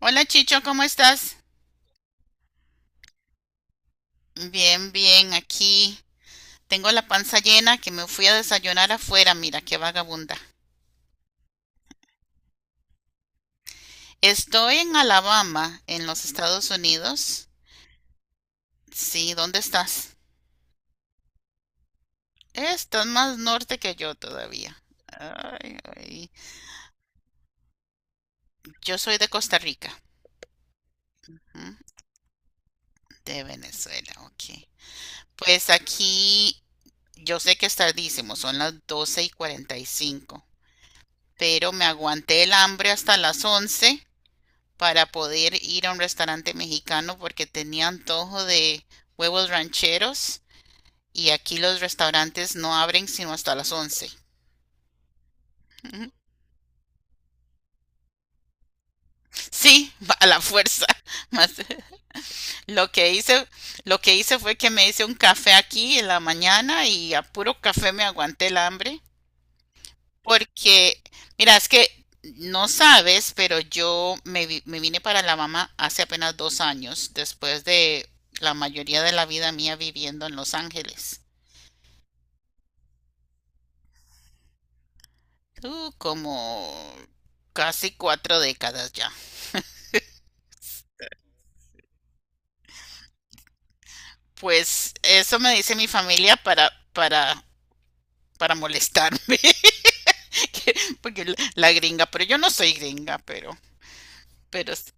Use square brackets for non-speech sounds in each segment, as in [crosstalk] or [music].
Hola Chicho, ¿cómo estás? Bien, bien, aquí tengo la panza llena que me fui a desayunar afuera, mira qué vagabunda. Estoy en Alabama, en los Estados Unidos. Sí, ¿dónde estás? Estás más norte que yo todavía. Ay, ay. Yo soy de Costa Rica, ¿m? De Venezuela, ok. Pues aquí yo sé que es tardísimo, son las 12:45. Pero me aguanté el hambre hasta las 11. Para poder ir a un restaurante mexicano porque tenía antojo de huevos rancheros y aquí los restaurantes no abren sino hasta las 11. [laughs] Sí, a la fuerza. [laughs] Mas, Lo que hice, lo que hice fue que me hice un café aquí en la mañana y a puro café me aguanté el hambre porque, mira, es que no sabes, pero yo me vine para la mamá hace apenas 2 años después de la mayoría de la vida mía viviendo en Los Ángeles. Como casi 4 décadas ya. Pues eso me dice mi familia para molestarme, [laughs] que- porque la gringa, pero yo no soy gringa, pero s-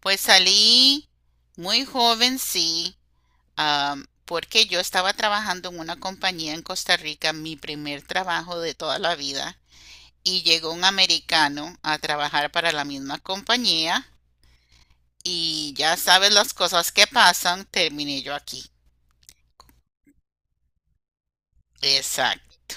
pues salí muy joven, sí, porque yo estaba trabajando en una compañía en Costa Rica, mi primer trabajo de toda la vida, y llegó un americano a trabajar para la misma compañía, y ya sabes las cosas que pasan, terminé yo aquí. Exacto.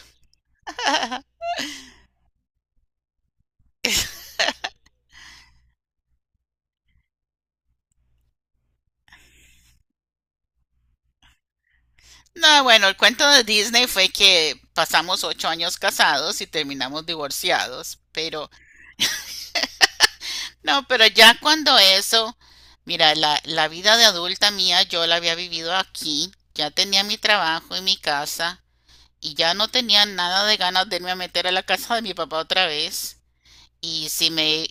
No, bueno, el cuento de Disney fue que pasamos 8 años casados y terminamos divorciados, pero no, pero ya cuando eso, mira, la vida de adulta mía yo la había vivido aquí, ya tenía mi trabajo y mi casa y ya no tenía nada de ganas de irme a meter a la casa de mi papá otra vez. Y si me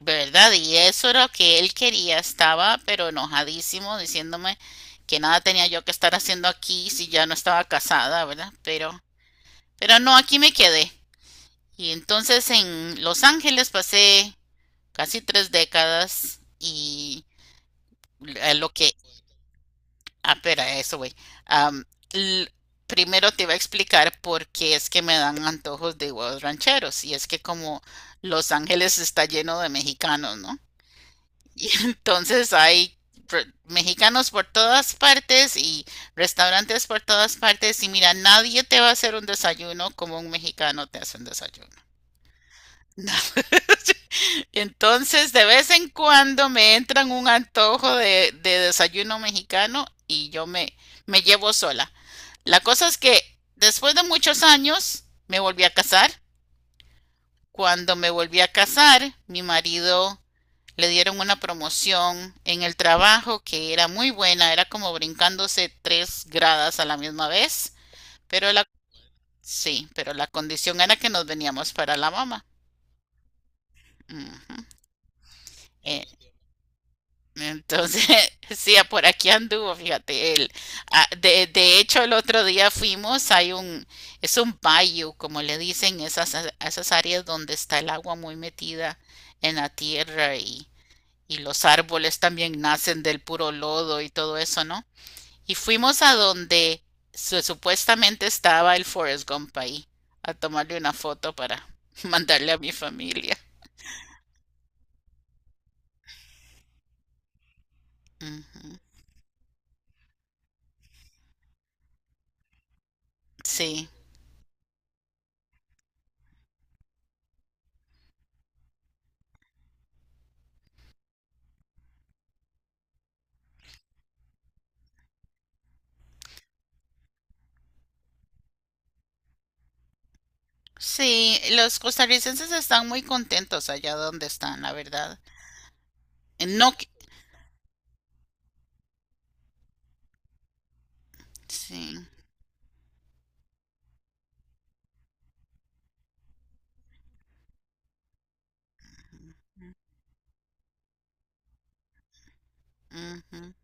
¿Verdad? Y eso era lo que él quería. Estaba pero enojadísimo diciéndome que nada tenía yo que estar haciendo aquí si ya no estaba casada, ¿verdad? Pero no, aquí me quedé. Y entonces en Los Ángeles pasé casi 3 décadas y lo que... Ah, espera, eso, güey. Am, l- primero te iba a explicar por qué es que me dan antojos de huevos rancheros. Y es que como Los Ángeles está lleno de mexicanos, ¿no? Y [laughs] entonces hay mexicanos por todas partes y restaurantes por todas partes y mira, nadie te va a hacer un desayuno como un mexicano te hace un desayuno. [laughs] Entonces, de vez en cuando me entran un antojo de desayuno mexicano y yo me llevo sola. La cosa es que después de muchos años me volví a casar. Cuando me volví a casar, mi marido le dieron una promoción en el trabajo que era muy buena, era como brincándose tres gradas a la misma vez, pero la, sí, pero la condición era que nos veníamos para la mamá. Ujú. Eh, entonces, [laughs] sí, por aquí anduvo, fíjate, él. Ah, de hecho, el otro día fuimos, es un bayou, como le dicen, esas áreas donde está el agua muy metida en la tierra y los árboles también nacen del puro lodo y todo eso, ¿no? Y fuimos a donde supuestamente estaba el Forrest Gump ahí, a tomarle una foto para [laughs] mandarle a mi familia. Ujú. Sí, sí, los costarricenses están muy contentos allá donde están, la verdad. No, sí. Ujú.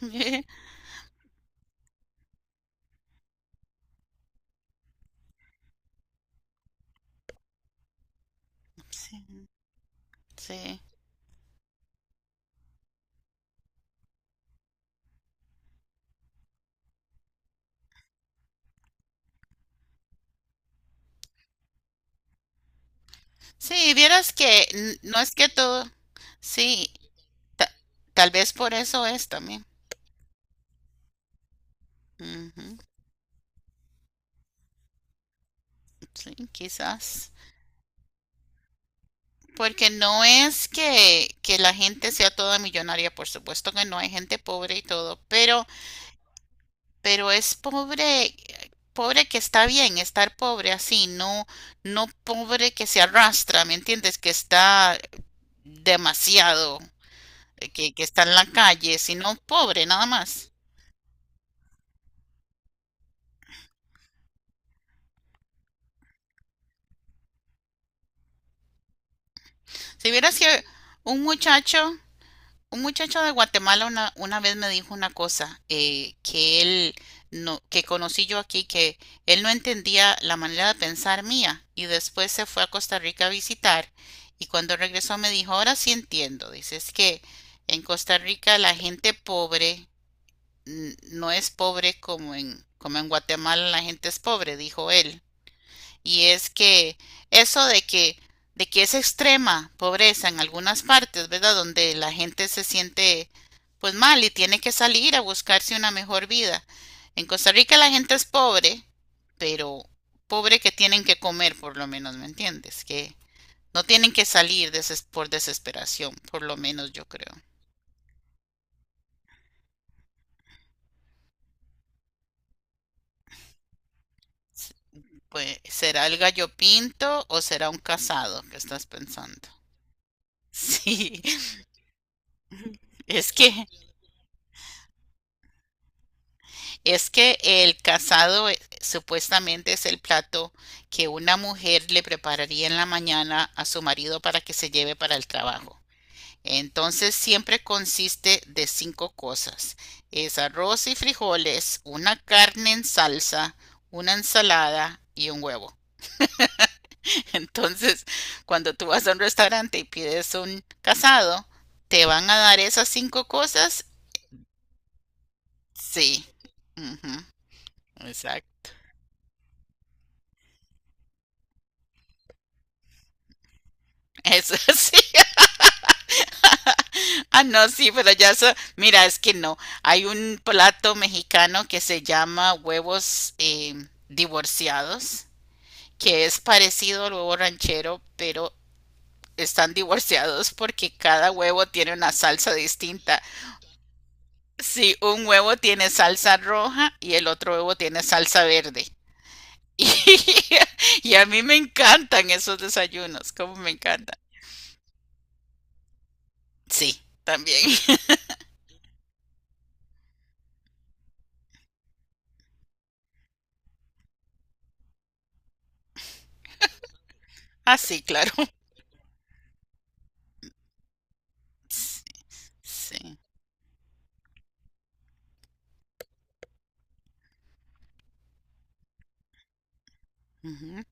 [laughs] Sí, sí. Sí, vieras que no es que todo, sí, ta- tal vez por eso es también. Ujú, sí, quizás. Porque no es que, la gente sea toda millonaria, por supuesto que no, hay gente pobre y todo, pero es pobre, pobre que está bien estar pobre así, no, no pobre que se arrastra, ¿me entiendes? Que está demasiado, que está en la calle, sino pobre nada más. Si vieras que un muchacho Un muchacho de Guatemala una vez me dijo una cosa que él no, que conocí yo aquí, que él no entendía la manera de pensar mía y después se fue a Costa Rica a visitar y cuando regresó me dijo, ahora sí entiendo, dice, es que en Costa Rica la gente pobre no es pobre como en Guatemala la gente es pobre, dijo él. Y es que eso de que es extrema pobreza en algunas partes, ¿verdad? Donde la gente se siente pues mal y tiene que salir a buscarse una mejor vida. En Costa Rica la gente es pobre, pero pobre que tienen que comer por lo menos, ¿me entiendes? Que no tienen que salir por desesperación, por lo menos yo creo. S- Pues, ¿será el gallo pinto o será un casado que estás pensando? [laughs] Sí, es que Es que el casado supuestamente es el plato que una mujer le prepararía en la mañana a su marido para que se lleve para el trabajo. Entonces siempre consiste de cinco cosas. Es arroz y frijoles, una carne en salsa, una ensalada y un huevo. [laughs] Entonces, cuando tú vas a un restaurante y pides un casado, ¿te van a dar esas cinco cosas? Sí. Ujú, exacto. Eso [laughs] sí. [laughs] Ah, no, sí, pero ya eso, mira, es que no. Hay un plato mexicano que se llama huevos divorciados, que es parecido al huevo ranchero, pero están divorciados porque cada huevo tiene una salsa distinta. Sí, un huevo tiene salsa roja y el otro huevo tiene salsa verde. [laughs] Y, y a mí me encantan esos desayunos, como me encantan. Sí, también. [laughs] Ah, sí, claro. Sí. Sí. Ujú.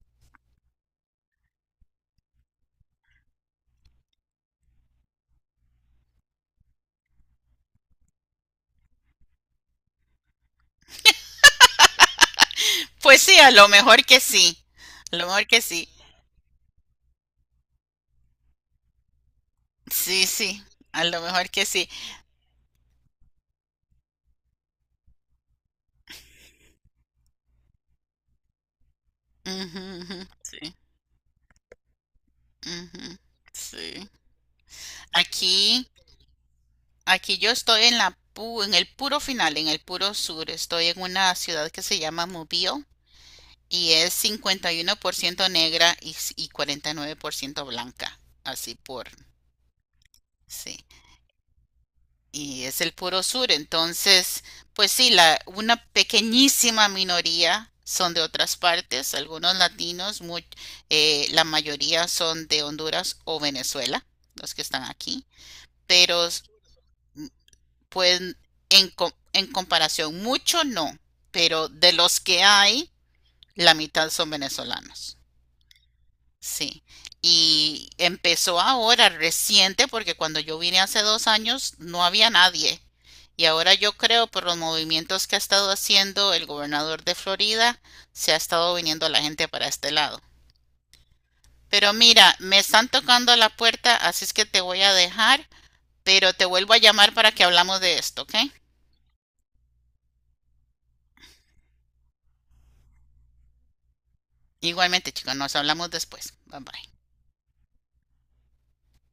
Pues sí, a lo mejor que sí. A lo mejor que sí. Sí, sí. A lo mejor que sí. Ujú, ujú, sí. Ujú, sí. Aquí, aquí yo estoy en la en el puro final, en el puro sur. Estoy en una ciudad que se llama Mobile y es 51% negra y 49% blanca. Así por, sí. Y es el puro sur. Entonces, pues sí, una pequeñísima minoría son de otras partes, algunos latinos, la mayoría son de Honduras o Venezuela, los que están aquí, pero s- pues en comparación, mucho no, pero de los que hay, la mitad son venezolanos. Sí, y empezó ahora reciente porque cuando yo vine hace 2 años no había nadie. Y ahora yo creo por los movimientos que ha estado haciendo el gobernador de Florida, se ha estado viniendo la gente para este lado. Pero mira, me están tocando la puerta, así es que te voy a dejar, pero te vuelvo a llamar para que hablamos de esto, ¿ok? Igualmente, chicos, nos hablamos después. Bye bye.